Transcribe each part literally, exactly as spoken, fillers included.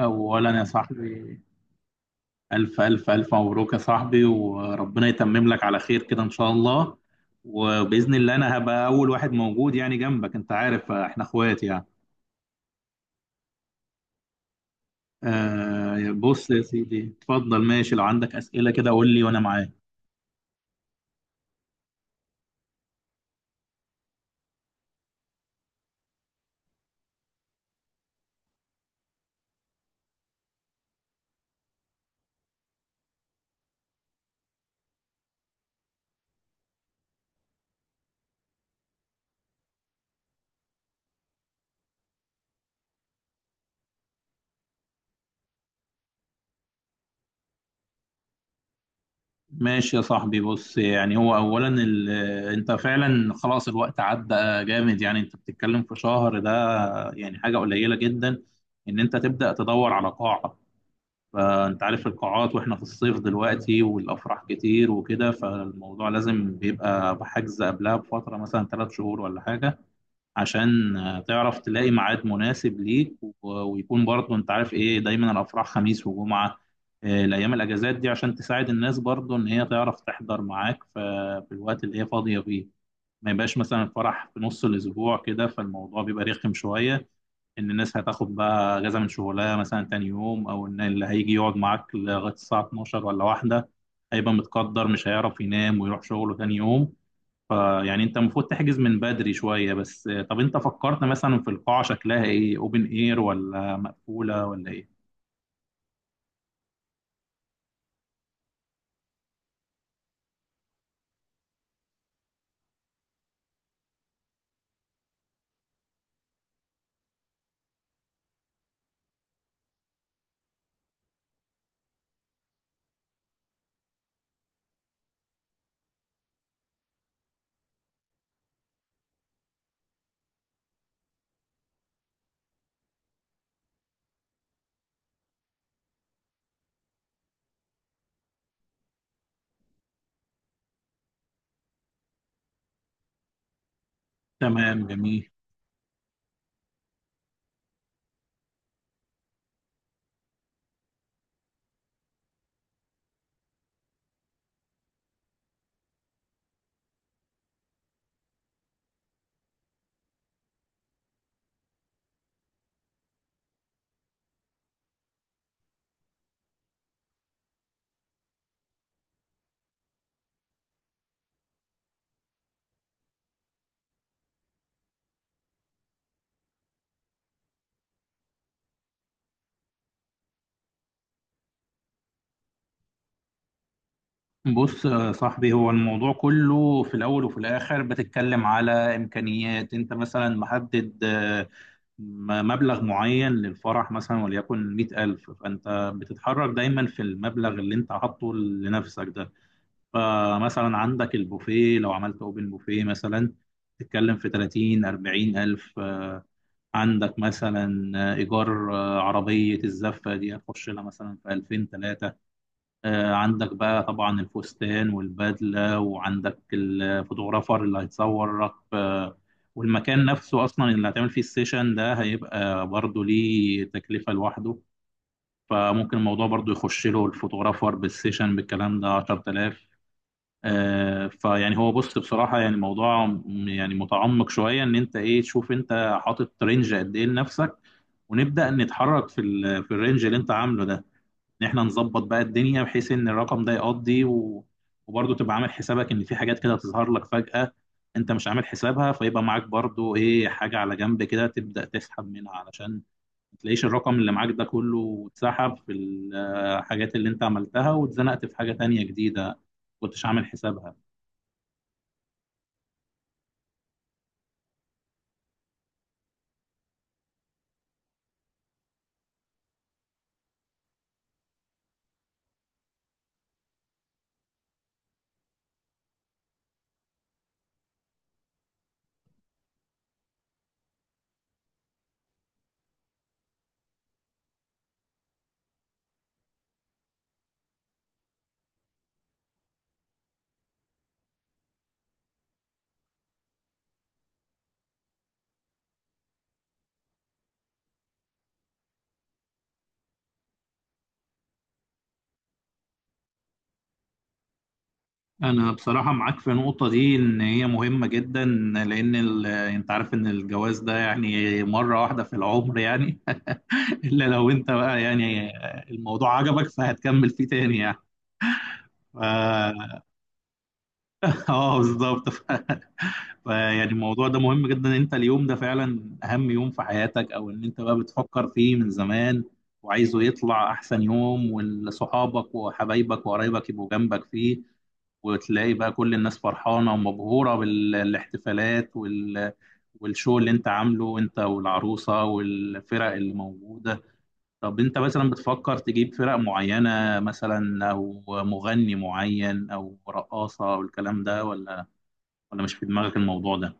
أولا يا صاحبي، ألف ألف ألف مبروك يا صاحبي، وربنا يتمم لك على خير كده إن شاء الله. وبإذن الله أنا هبقى أول واحد موجود يعني جنبك، أنت عارف إحنا إخوات يعني. آه بص يا سيدي، اتفضل ماشي، لو عندك أسئلة كده قول لي وأنا معاك. ماشي يا صاحبي، بص يعني هو أولا ال... أنت فعلا خلاص الوقت عدى جامد، يعني أنت بتتكلم في شهر ده يعني حاجة قليلة جدا، إن أنت تبدأ تدور على قاعة. فانت عارف القاعات، واحنا في الصيف دلوقتي والافراح كتير وكده، فالموضوع لازم بيبقى بحجز قبلها بفتره مثلا ثلاث شهور ولا حاجه، عشان تعرف تلاقي ميعاد مناسب ليك، و- ويكون برضه انت عارف ايه دايما الافراح خميس وجمعه. آه، الايام الاجازات دي عشان تساعد الناس برضه ان هي تعرف تحضر معاك ف- في الوقت اللي هي فاضيه فيه. ما يبقاش مثلا الفرح في نص الاسبوع كده، فالموضوع بيبقى رخم شويه، ان الناس هتاخد بقى اجازه من شغلها مثلا تاني يوم، او ان اللي هيجي يقعد معاك لغايه الساعه اتناشر ولا واحده هيبقى متقدر، مش هيعرف ينام ويروح شغله تاني يوم. فيعني انت المفروض تحجز من بدري شويه. بس طب انت فكرت مثلا في القاعه شكلها ايه، اوبن اير ولا مقفوله ولا ايه؟ تمام جميل. بص يا صاحبي، هو الموضوع كله في الأول وفي الآخر بتتكلم على إمكانيات. أنت مثلا محدد آه، م- مبلغ معين للفرح، مثلا وليكن مية ألف، فأنت بتتحرك دايما في المبلغ اللي أنت حاطه لنفسك ده. فمثلا عندك البوفيه، لو عملت أوبن بوفيه مثلا تتكلم في تلاتين أربعين ألف. آه، عندك مثلا آه، إيجار، آه، عربية الزفة دي هتخش لها مثلا في ألفين ثلاثة. آه، عندك بقى طبعا الفستان والبدلة، وعندك الفوتوغرافر اللي هيتصورك. آه، والمكان نفسه أصلا اللي هتعمل فيه السيشن ده هيبقى برضه ليه تكلفة لوحده، فممكن الموضوع برضه يخش له الفوتوغرافر بالسيشن بالكلام ده عشر تلاف. آه، فيعني هو بص بصراحة، يعني الموضوع م- يعني متعمق شوية، إن أنت إيه تشوف أنت حاطط رينج قد إيه لنفسك، ونبدأ نتحرك في ال- في الرينج اللي أنت عامله ده، ان احنا نظبط بقى الدنيا بحيث ان الرقم ده يقضي، و... وبرضه تبقى عامل حسابك ان في حاجات كده تظهر لك فجأة انت مش عامل حسابها، فيبقى معاك برضه ايه حاجة على جنب كده تبدأ تسحب منها، علشان ما تلاقيش الرقم اللي معاك ده كله اتسحب في الحاجات اللي انت عملتها واتزنقت في حاجة تانية جديدة ما كنتش عامل حسابها. انا بصراحة معاك في النقطة دي ان هي مهمة جدا، لان ال... انت عارف ان الجواز ده يعني مرة واحدة في العمر يعني، إلا لو أنت بقى يعني الموضوع عجبك فهتكمل فيه تاني يعني. ف- اه بالظبط. ف- فيعني الموضوع ده مهم جدا، إن انت اليوم ده فعلا اهم يوم في حياتك، او ان انت بقى بتفكر فيه من زمان وعايزه يطلع احسن يوم، وصحابك وحبايبك وقرايبك يبقوا جنبك فيه، وتلاقي بقى كل الناس فرحانة ومبهورة بالاحتفالات وال- والشو اللي انت عامله انت والعروسة والفرق اللي موجودة. طب انت مثلا بتفكر تجيب فرق معينة مثلا، او مغني معين، او رقاصة، او الكلام ده، ولا ولا مش في دماغك الموضوع ده؟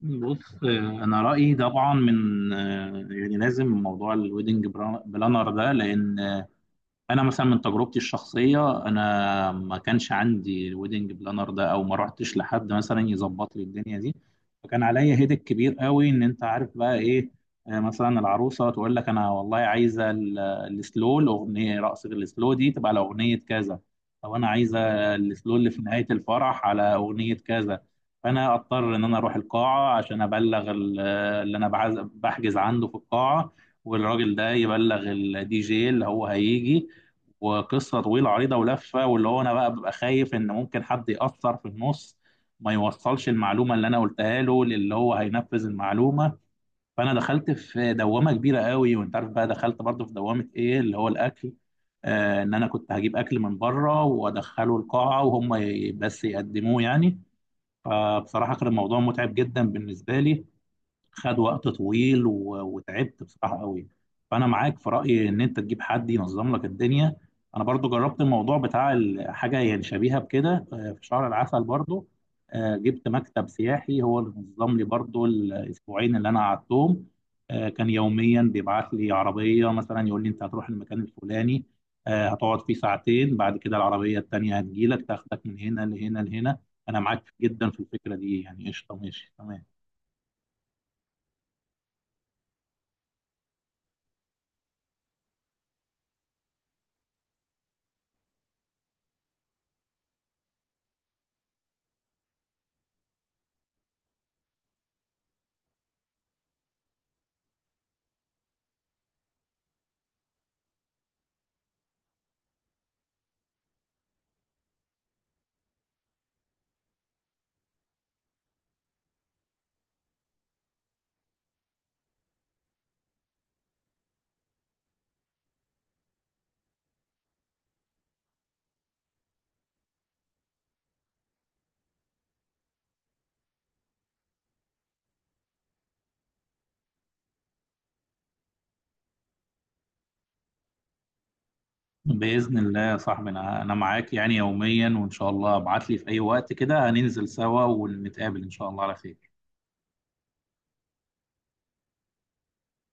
بص، آه، انا رأيي طبعا من آه، يعني لازم موضوع الويدنج بلانر ده، لان انا مثلا من تجربتي الشخصيه انا ما كانش عندي الويدنج بلانر ده، او ما رحتش لحد مثلا يظبط لي الدنيا دي، فكان عليا هيدك كبير قوي ان انت عارف بقى ايه. آه، مثلا العروسه تقول لك انا والله عايزه ال- السلو، الاغنيه رقص السلو دي تبقى على اغنيه كذا، او انا عايزه السلو اللي في نهايه الفرح على اغنيه كذا. فانا اضطر ان انا اروح القاعه عشان ابلغ ال- اللي انا بعز- بحجز عنده في القاعه، والراجل ده يبلغ الدي جي اللي هو هيجي. وقصه طويله عريضه ولفه، واللي هو انا بقى ببقى خايف ان ممكن حد ياثر في النص، ما يوصلش المعلومه اللي انا قلتها له للي هو هينفذ المعلومه. فانا دخلت في دوامه كبيره قوي، وانت عارف بقى دخلت برضو في دوامه ايه اللي هو الاكل، آه ان انا كنت هجيب اكل من بره وادخله القاعه وهم ي- بس يقدموه يعني. فبصراحه كان الموضوع متعب جدا بالنسبه لي. خد وقت طويل و- وتعبت بصراحة قوي. فأنا معاك في رأيي إن أنت تجيب حد ينظم لك الدنيا. أنا برضو جربت الموضوع بتاع ال- حاجة يعني شبيهة بكده آه، في شهر العسل برضو. آه، جبت مكتب سياحي هو اللي نظم لي برضو الأسبوعين اللي أنا قعدتهم. آه، كان يوميا بيبعت لي عربية مثلا يقول لي أنت هتروح المكان الفلاني، آه، هتقعد فيه ساعتين، بعد كده العربية التانية هتجيلك تاخدك من هنا لهنا لهنا. أنا معاك جدا في الفكرة دي يعني، قشطة ماشي تمام. بإذن الله يا صاحبي، أنا أنا معاك يعني يوميا، وإن شاء الله ابعت لي في أي وقت كده هننزل سوا ونتقابل إن شاء الله على خير.